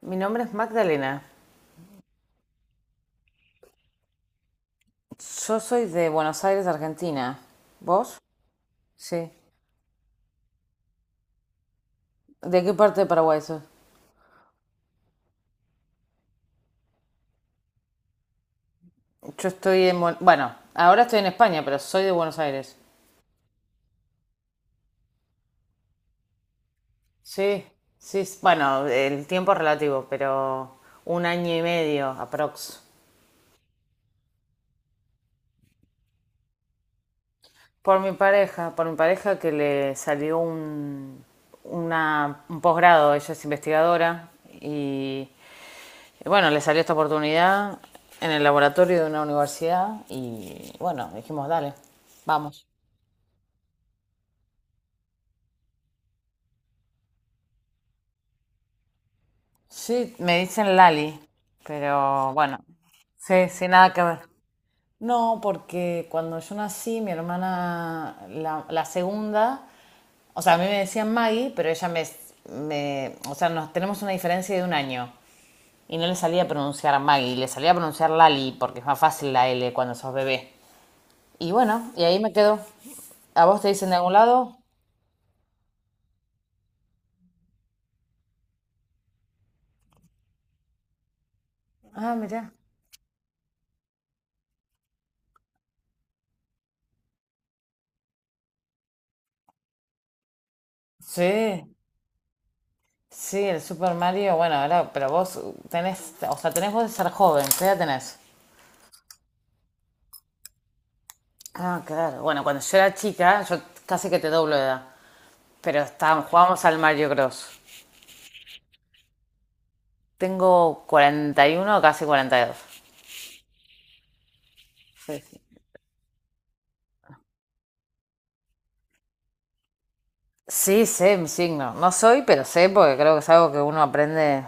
Mi nombre es Magdalena. Yo soy de Buenos Aires, Argentina. ¿Vos? Sí. ¿De qué parte de Paraguay sos? Yo estoy en... Buen- Bueno, ahora estoy en España, pero soy de Buenos Aires. Sí, sí. Bueno, el tiempo es relativo, pero un año y medio aprox. Por mi pareja que le salió un posgrado, ella es investigadora y Y bueno, le salió esta oportunidad en el laboratorio de una universidad y bueno, dijimos, dale, vamos. Sí, me dicen Lali, pero bueno, sí, sí, nada que ver. No, porque cuando yo nací, mi hermana, la segunda, o sea, a mí me decían Maggie, pero ella o sea, nos tenemos una diferencia de un año. Y no le salía a pronunciar Maggie, le salía a pronunciar Lali, porque es más fácil la L cuando sos bebé. Y bueno, y ahí me quedo. ¿A vos te dicen de algún lado? Ah, mirá. Sí, sí, el Super Mario. Bueno, ahora, pero vos tenés, o sea, tenés vos de ser joven, ¿qué edad tenés? Ah, claro. Bueno, cuando yo era chica, yo casi que te doblo de edad. Pero estábamos, jugábamos al Mario Bros. Tengo 41, casi 42. Sí, sí. Sí, sé mi signo. No soy, pero sé porque creo que es algo que uno aprende.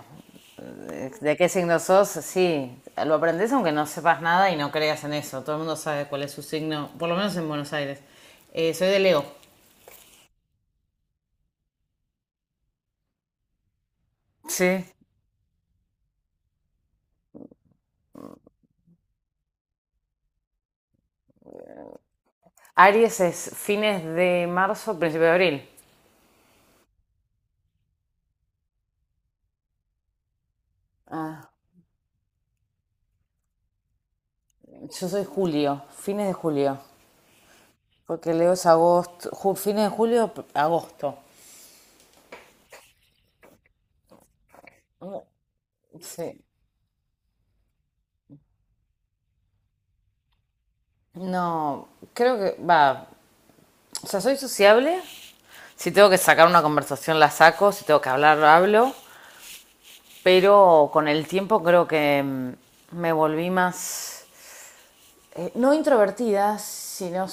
¿De qué signo sos? Sí, lo aprendes aunque no sepas nada y no creas en eso. Todo el mundo sabe cuál es su signo, por lo menos en Buenos Aires. Soy de Leo. Sí. Aries es fines de marzo, principio de abril. Ah, yo soy julio, fines de julio. Porque Leo es agosto, fines de julio, agosto. Sí. No, creo que va. O sea, soy sociable. Si tengo que sacar una conversación, la saco. Si tengo que hablar, hablo. Pero con el tiempo creo que me volví más no introvertida, sino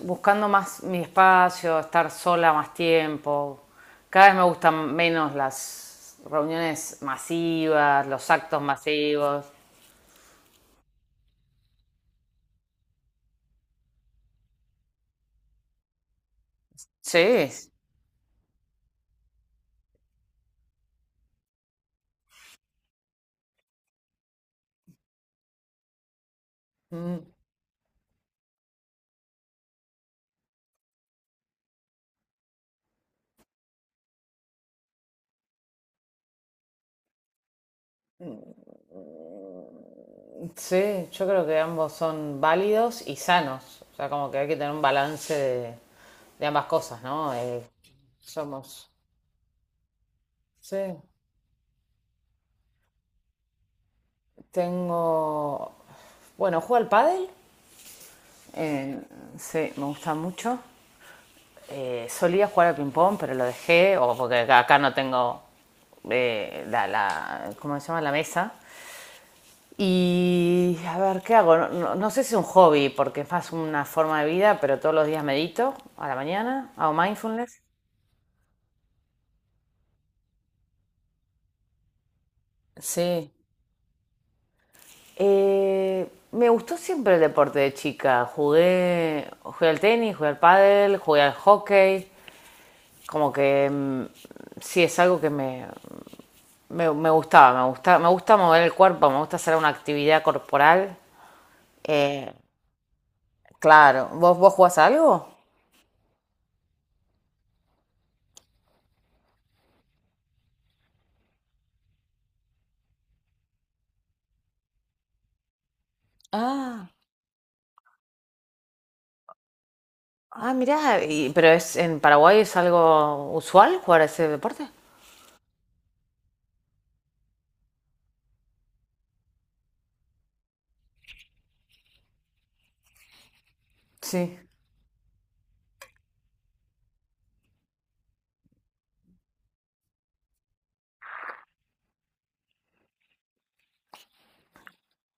buscando más mi espacio, estar sola más tiempo. Cada vez me gustan menos las reuniones masivas, los actos masivos. Sí, mm, sí, yo creo que ambos son válidos y sanos. O sea, como que hay que tener un balance de ambas cosas, ¿no? Somos. Sí, tengo. Bueno, juego al pádel. Eh, sí, me gusta mucho. Solía jugar al ping-pong, pero lo dejé, o porque acá no tengo ¿cómo se llama? La mesa. Y a ver, ¿qué hago? No, no sé si es un hobby, porque es más una forma de vida, pero todos los días medito a la mañana, hago mindfulness. Sí. Me gustó siempre el deporte de chica. Jugué al tenis, jugué al pádel, jugué al hockey. Como que sí es algo que me gustaba, me gusta mover el cuerpo, me gusta hacer una actividad corporal. Eh, claro, ¿vos jugás a algo? Ah, ah, mirá, pero es en Paraguay es algo usual jugar a ese deporte. Sí.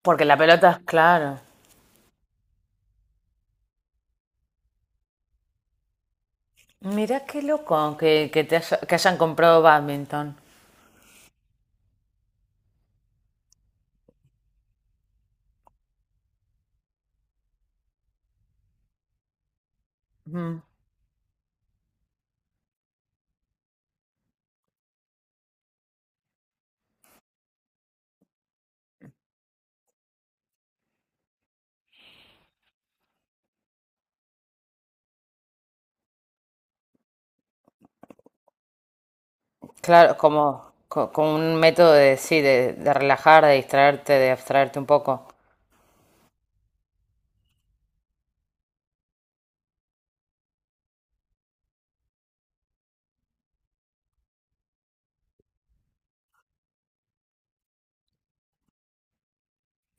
Porque la pelota, es claro. Mirá qué loco que hayan comprado bádminton. Ujú. Claro, como un método de, sí, de relajar, de distraerte, de abstraerte un poco.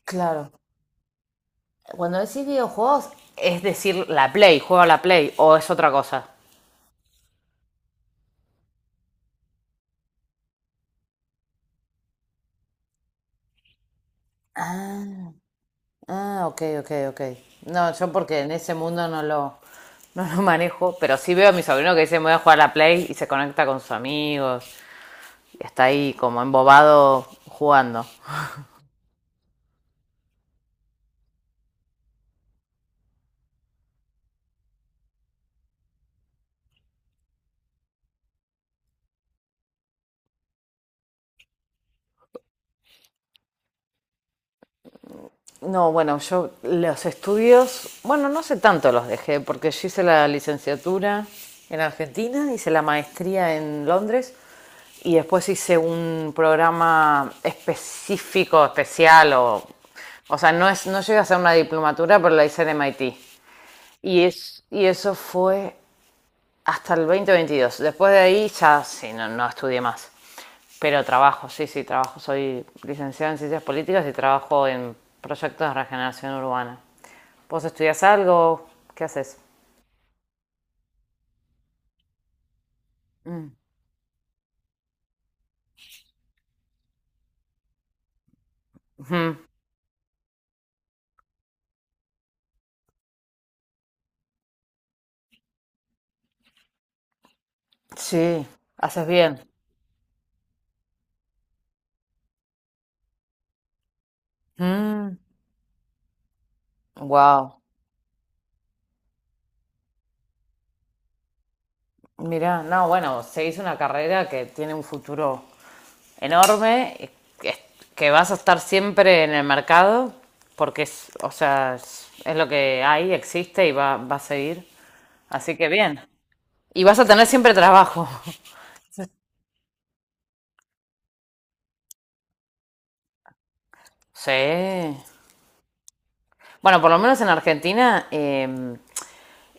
Claro. Cuando decís videojuegos, es decir, la Play, ¿juego a la Play, o es otra cosa? Ah, ah, ok, ok, ok. No, yo porque en ese mundo no lo manejo, pero sí veo a mi sobrino que dice me voy a jugar a la Play y se conecta con sus amigos y está ahí como embobado jugando. No, bueno, yo los estudios, bueno, no sé tanto los dejé, porque yo hice la licenciatura en Argentina, hice la maestría en Londres y después hice un programa específico, especial, o sea, no llegué a hacer una diplomatura, pero la hice en MIT. Y eso fue hasta el 2022. Después de ahí ya sí, no estudié más. Pero trabajo, sí, sí, trabajo. Soy licenciada en Ciencias Políticas y trabajo en proyectos de regeneración urbana. ¿Vos estudias algo? ¿Qué haces? Mm. Ujú. Sí, haces bien. Mm. Wow. Mirá, no, bueno, se hizo una carrera que tiene un futuro enorme, y que, que vas a estar siempre en el mercado, porque o sea, es lo que hay, existe y va a seguir. Así que bien. Y vas a tener siempre trabajo. Sí. Bueno, por lo menos en Argentina,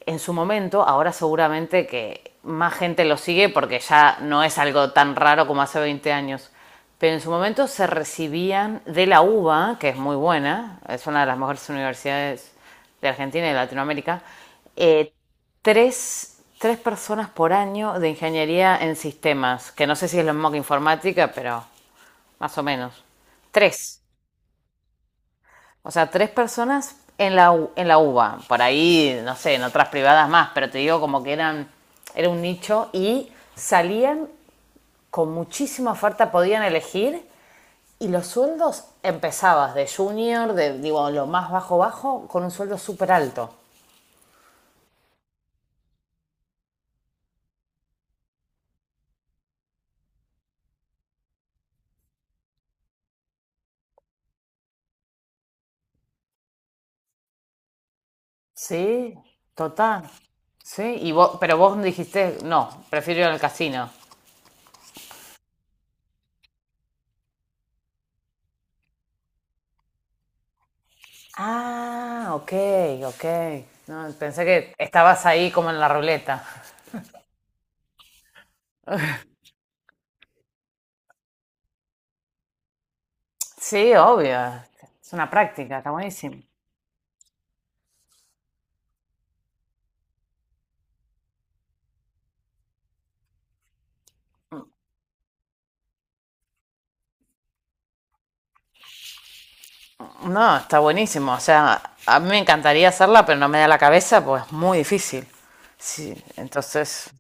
en su momento, ahora seguramente que más gente lo sigue porque ya no es algo tan raro como hace 20 años. Pero en su momento se recibían de la UBA, que es muy buena, es una de las mejores universidades de Argentina y de Latinoamérica, eh, tres personas por año de ingeniería en sistemas, que no sé si es lo mismo que informática, pero más o menos. Tres. O sea, tres personas en la UBA. Por ahí, no sé, en otras privadas más, pero te digo como que era un nicho y salían con muchísima oferta, podían elegir y los sueldos empezabas de junior, de digo, lo más bajo bajo, con un sueldo súper alto. Sí, total. Sí, pero vos dijiste, no, prefiero ir al casino. Ah, ok, ok. No, pensé que estabas ahí como en la ruleta. Sí, obvio. Es una práctica, está buenísimo. No, está buenísimo. O sea, a mí me encantaría hacerla, pero no me da la cabeza, pues es muy difícil. Sí, entonces.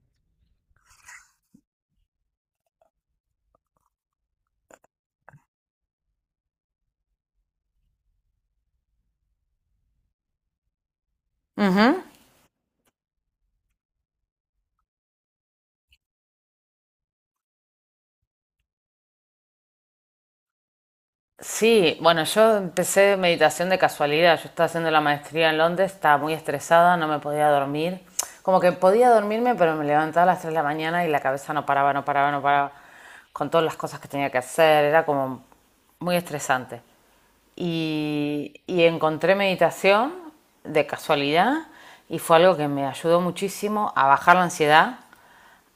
Ujú. Sí, bueno, yo empecé meditación de casualidad. Yo estaba haciendo la maestría en Londres, estaba muy estresada, no me podía dormir. Como que podía dormirme, pero me levantaba a las 3 de la mañana y la cabeza no paraba, no paraba, no paraba. Con todas las cosas que tenía que hacer, era como muy estresante. Y encontré meditación de casualidad y fue algo que me ayudó muchísimo a bajar la ansiedad,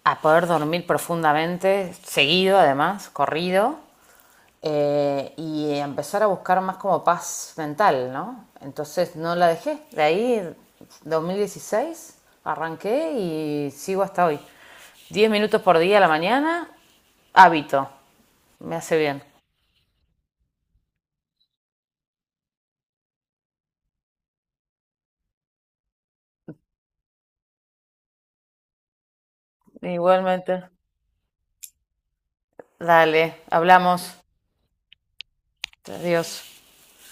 a poder dormir profundamente, seguido además, corrido, y empezar a buscar más como paz mental, ¿no? Entonces no la dejé. De ahí, 2016, arranqué y sigo hasta hoy. 10 minutos por día a la mañana, hábito. Me hace bien. Igualmente. Dale, hablamos. Adiós.